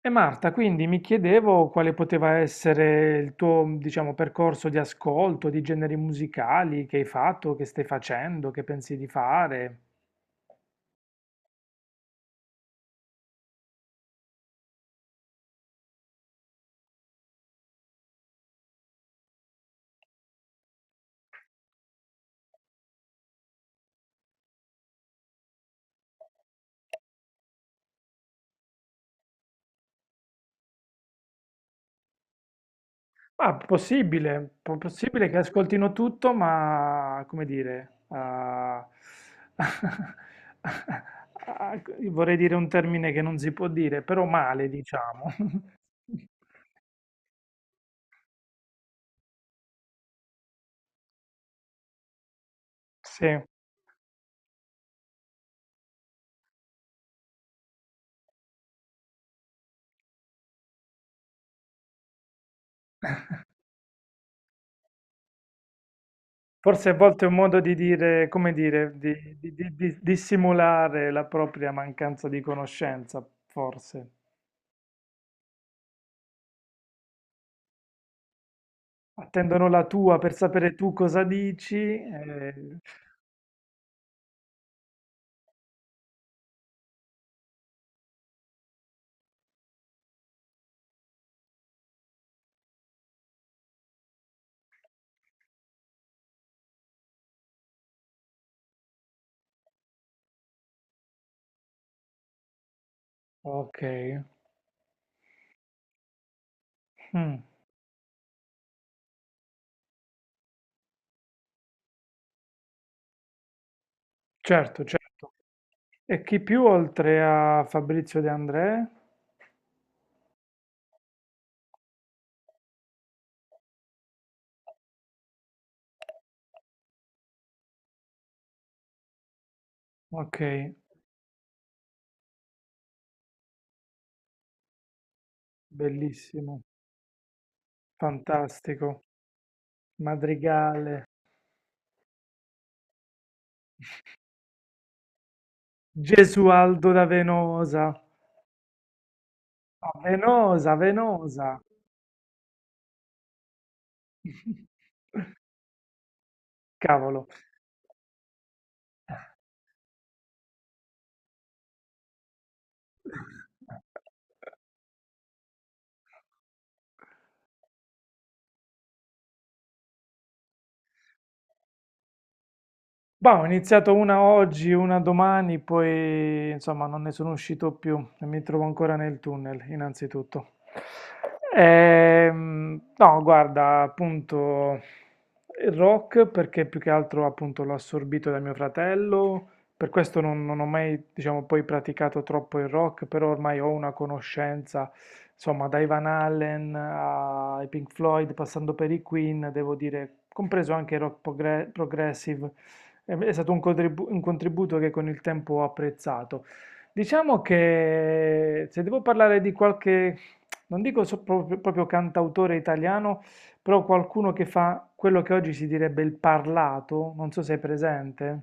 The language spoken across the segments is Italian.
E Marta, quindi mi chiedevo quale poteva essere il tuo, diciamo, percorso di ascolto, di generi musicali che hai fatto, che stai facendo, che pensi di fare. Ma possibile, possibile che ascoltino tutto, ma come dire, ah, ah, vorrei dire un termine che non si può dire, però male, diciamo. Sì. Forse a volte è un modo di dire, come dire, di simulare la propria mancanza di conoscenza, forse. Attendono la tua per sapere tu cosa dici. Ok, Mm, certo, certo. E chi più oltre a Fabrizio De André? Ok, bellissimo, fantastico. Madrigale, Gesualdo da Venosa. Ah, Venosa, Venosa. Cavolo. Eh. Bah, ho iniziato una oggi, una domani, poi insomma non ne sono uscito più e mi trovo ancora nel tunnel, innanzitutto. No, guarda, appunto il rock perché più che altro appunto l'ho assorbito da mio fratello, per questo non ho mai, diciamo, poi praticato troppo il rock, però ormai ho una conoscenza, insomma, dai Van Halen ai Pink Floyd, passando per i Queen, devo dire, compreso anche il rock progressive. È stato un un contributo che con il tempo ho apprezzato. Diciamo che se devo parlare di qualche, non dico proprio cantautore italiano, però qualcuno che fa quello che oggi si direbbe il parlato, non so se è presente,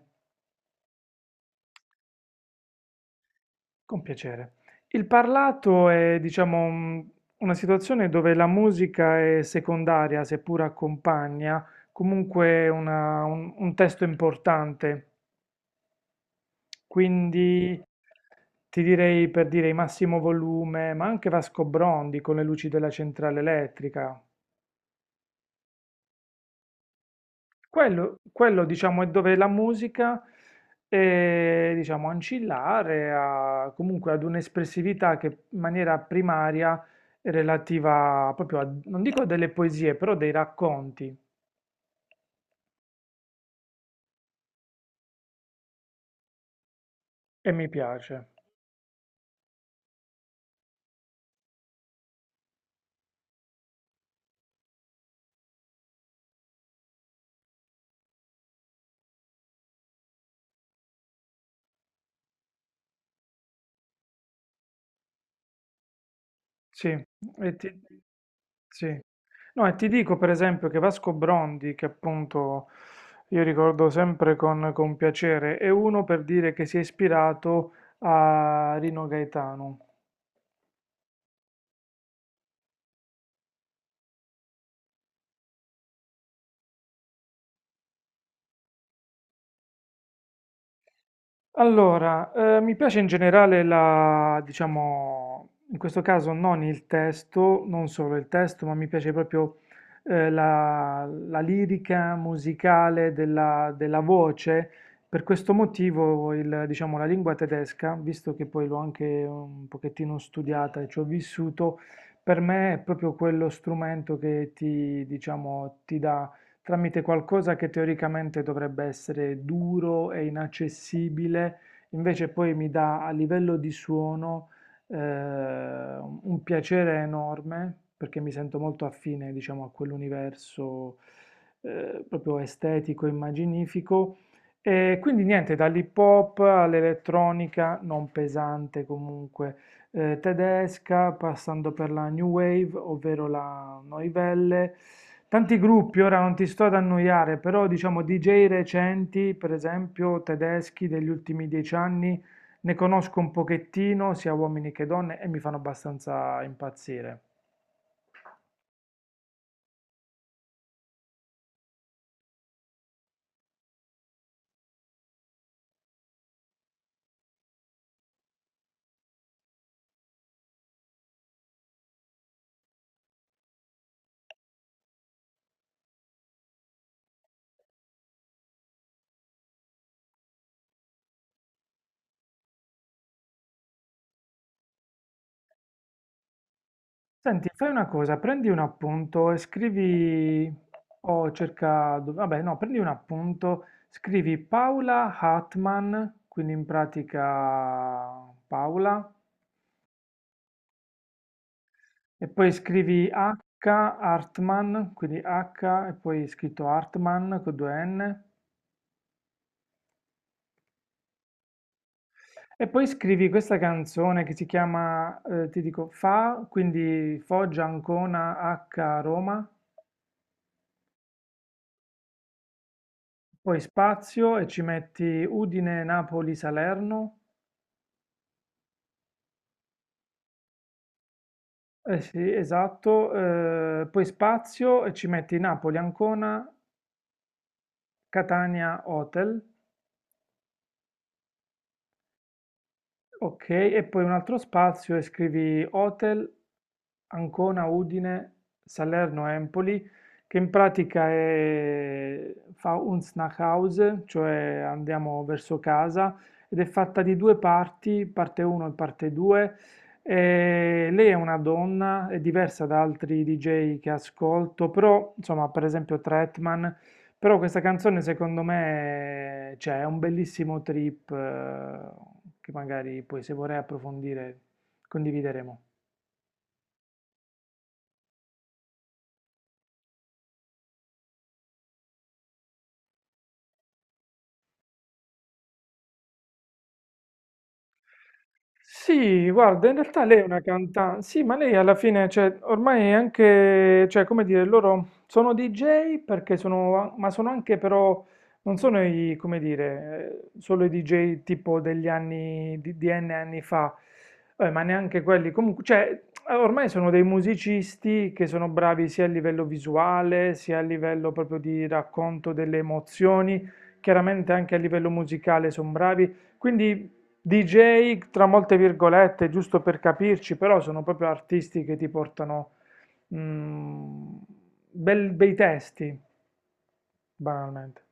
con piacere. Il parlato è, diciamo, una situazione dove la musica è secondaria, seppur accompagna, comunque un testo importante. Quindi ti direi per dire i massimo volume, ma anche Vasco Brondi con le luci della centrale elettrica. Quello, diciamo, è dove la musica è, diciamo, ancillare comunque ad un'espressività che in maniera primaria è relativa proprio a, non dico a delle poesie, però dei racconti, e mi piace. Sì, e ti, sì. No, e ti dico per esempio che Vasco Brondi, che appunto io ricordo sempre con piacere, è uno per dire che si è ispirato a Rino Gaetano. Allora, mi piace in generale la, diciamo, in questo caso non il testo, non solo il testo, ma mi piace proprio la lirica musicale della voce. Per questo motivo, diciamo, la lingua tedesca, visto che poi l'ho anche un pochettino studiata e ci ho vissuto, per me è proprio quello strumento che ti, diciamo, ti dà tramite qualcosa che teoricamente dovrebbe essere duro e inaccessibile, invece poi mi dà a livello di suono un piacere enorme perché mi sento molto affine, diciamo, a quell'universo proprio estetico, immaginifico. E quindi niente, dall'hip hop all'elettronica, non pesante comunque, tedesca, passando per la New Wave, ovvero la Noivelle. Tanti gruppi, ora non ti sto ad annoiare, però diciamo DJ recenti, per esempio tedeschi degli ultimi 10 anni, ne conosco un pochettino, sia uomini che donne, e mi fanno abbastanza impazzire. Senti, fai una cosa, prendi un appunto e scrivi, o cerca, vabbè no, prendi un appunto, scrivi Paula Hartmann, quindi in pratica Paola. E poi scrivi H Hartman, quindi H e poi scritto Hartman con due N. E poi scrivi questa canzone che si chiama, ti dico, Fa, quindi Foggia, Ancona, H, Roma. Poi spazio e ci metti Udine, Napoli, Salerno. Eh sì, esatto. Poi spazio e ci metti Napoli, Ancona, Catania, Hotel. Ok, e poi un altro spazio e scrivi Hotel Ancona Udine Salerno Empoli, che in pratica è, fa un Snackhouse, cioè andiamo verso casa, ed è fatta di due parti, parte 1 e parte 2. E lei è una donna, è diversa da altri DJ che ascolto, però insomma, per esempio Tretman però questa canzone secondo me, cioè, è un bellissimo trip che magari poi se vorrai approfondire condivideremo. Sì, guarda, in realtà lei è una cantante, sì, ma lei alla fine, cioè, ormai è anche, cioè, come dire, loro sono DJ perché sono, ma sono anche però, non sono i, come dire, solo i DJ tipo degli anni, di N anni fa, ma neanche quelli, comunque, cioè, ormai sono dei musicisti che sono bravi sia a livello visuale, sia a livello proprio di racconto delle emozioni, chiaramente anche a livello musicale sono bravi, quindi DJ tra molte virgolette, giusto per capirci, però sono proprio artisti che ti portano mm, bei testi, banalmente.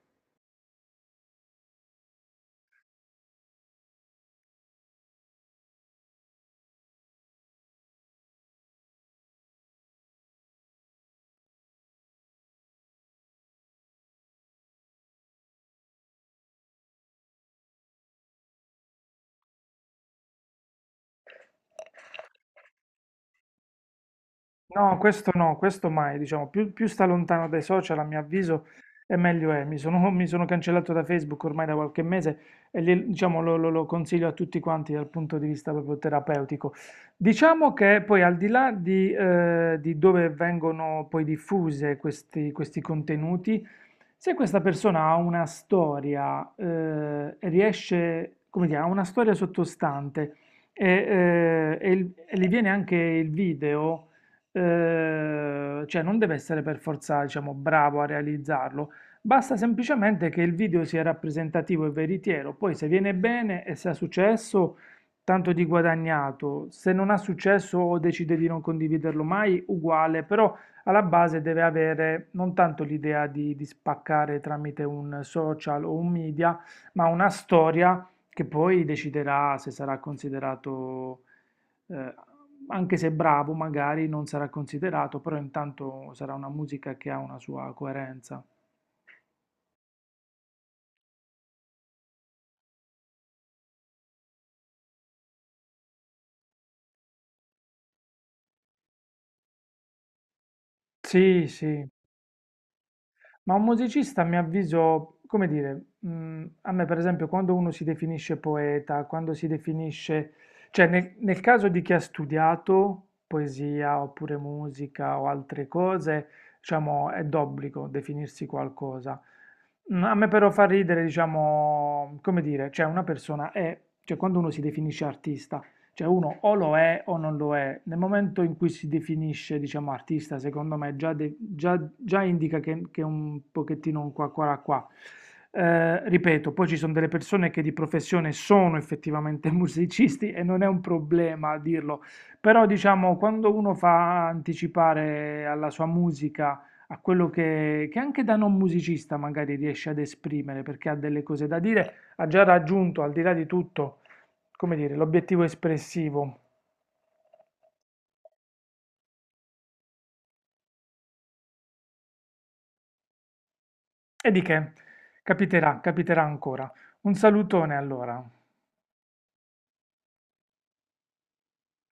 No, questo no, questo mai, diciamo, più sta lontano dai social, a mio avviso, e meglio è. Mi sono cancellato da Facebook ormai da qualche mese e diciamo, lo consiglio a tutti quanti dal punto di vista proprio terapeutico. Diciamo che poi al di là di dove vengono poi diffuse questi contenuti. Se questa persona ha una storia, riesce, come dire, ha una storia sottostante e gli viene anche il video, cioè non deve essere per forza, diciamo, bravo a realizzarlo, basta semplicemente che il video sia rappresentativo e veritiero, poi se viene bene e se ha successo, tanto di guadagnato, se non ha successo o decide di non condividerlo mai, uguale, però alla base deve avere non tanto l'idea di spaccare tramite un social o un media, ma una storia che poi deciderà se sarà considerato, eh, anche se bravo, magari non sarà considerato, però intanto sarà una musica che ha una sua coerenza. Sì, sì. Ma un musicista, a mio avviso, come dire, a me per esempio quando uno si definisce poeta, quando si definisce, cioè nel caso di chi ha studiato poesia oppure musica o altre cose, diciamo, è d'obbligo definirsi qualcosa. A me però fa ridere, diciamo, come dire, cioè una persona è, cioè quando uno si definisce artista, cioè uno o lo è o non lo è. Nel momento in cui si definisce, diciamo, artista, secondo me già, già indica che è un pochettino un qua qua là, qua. Ripeto, poi ci sono delle persone che di professione sono effettivamente musicisti e non è un problema dirlo, però diciamo quando uno fa anticipare alla sua musica a quello che anche da non musicista magari riesce ad esprimere perché ha delle cose da dire, ha già raggiunto al di là di tutto come dire, l'obiettivo espressivo. E di che? Capiterà, capiterà ancora. Un salutone allora.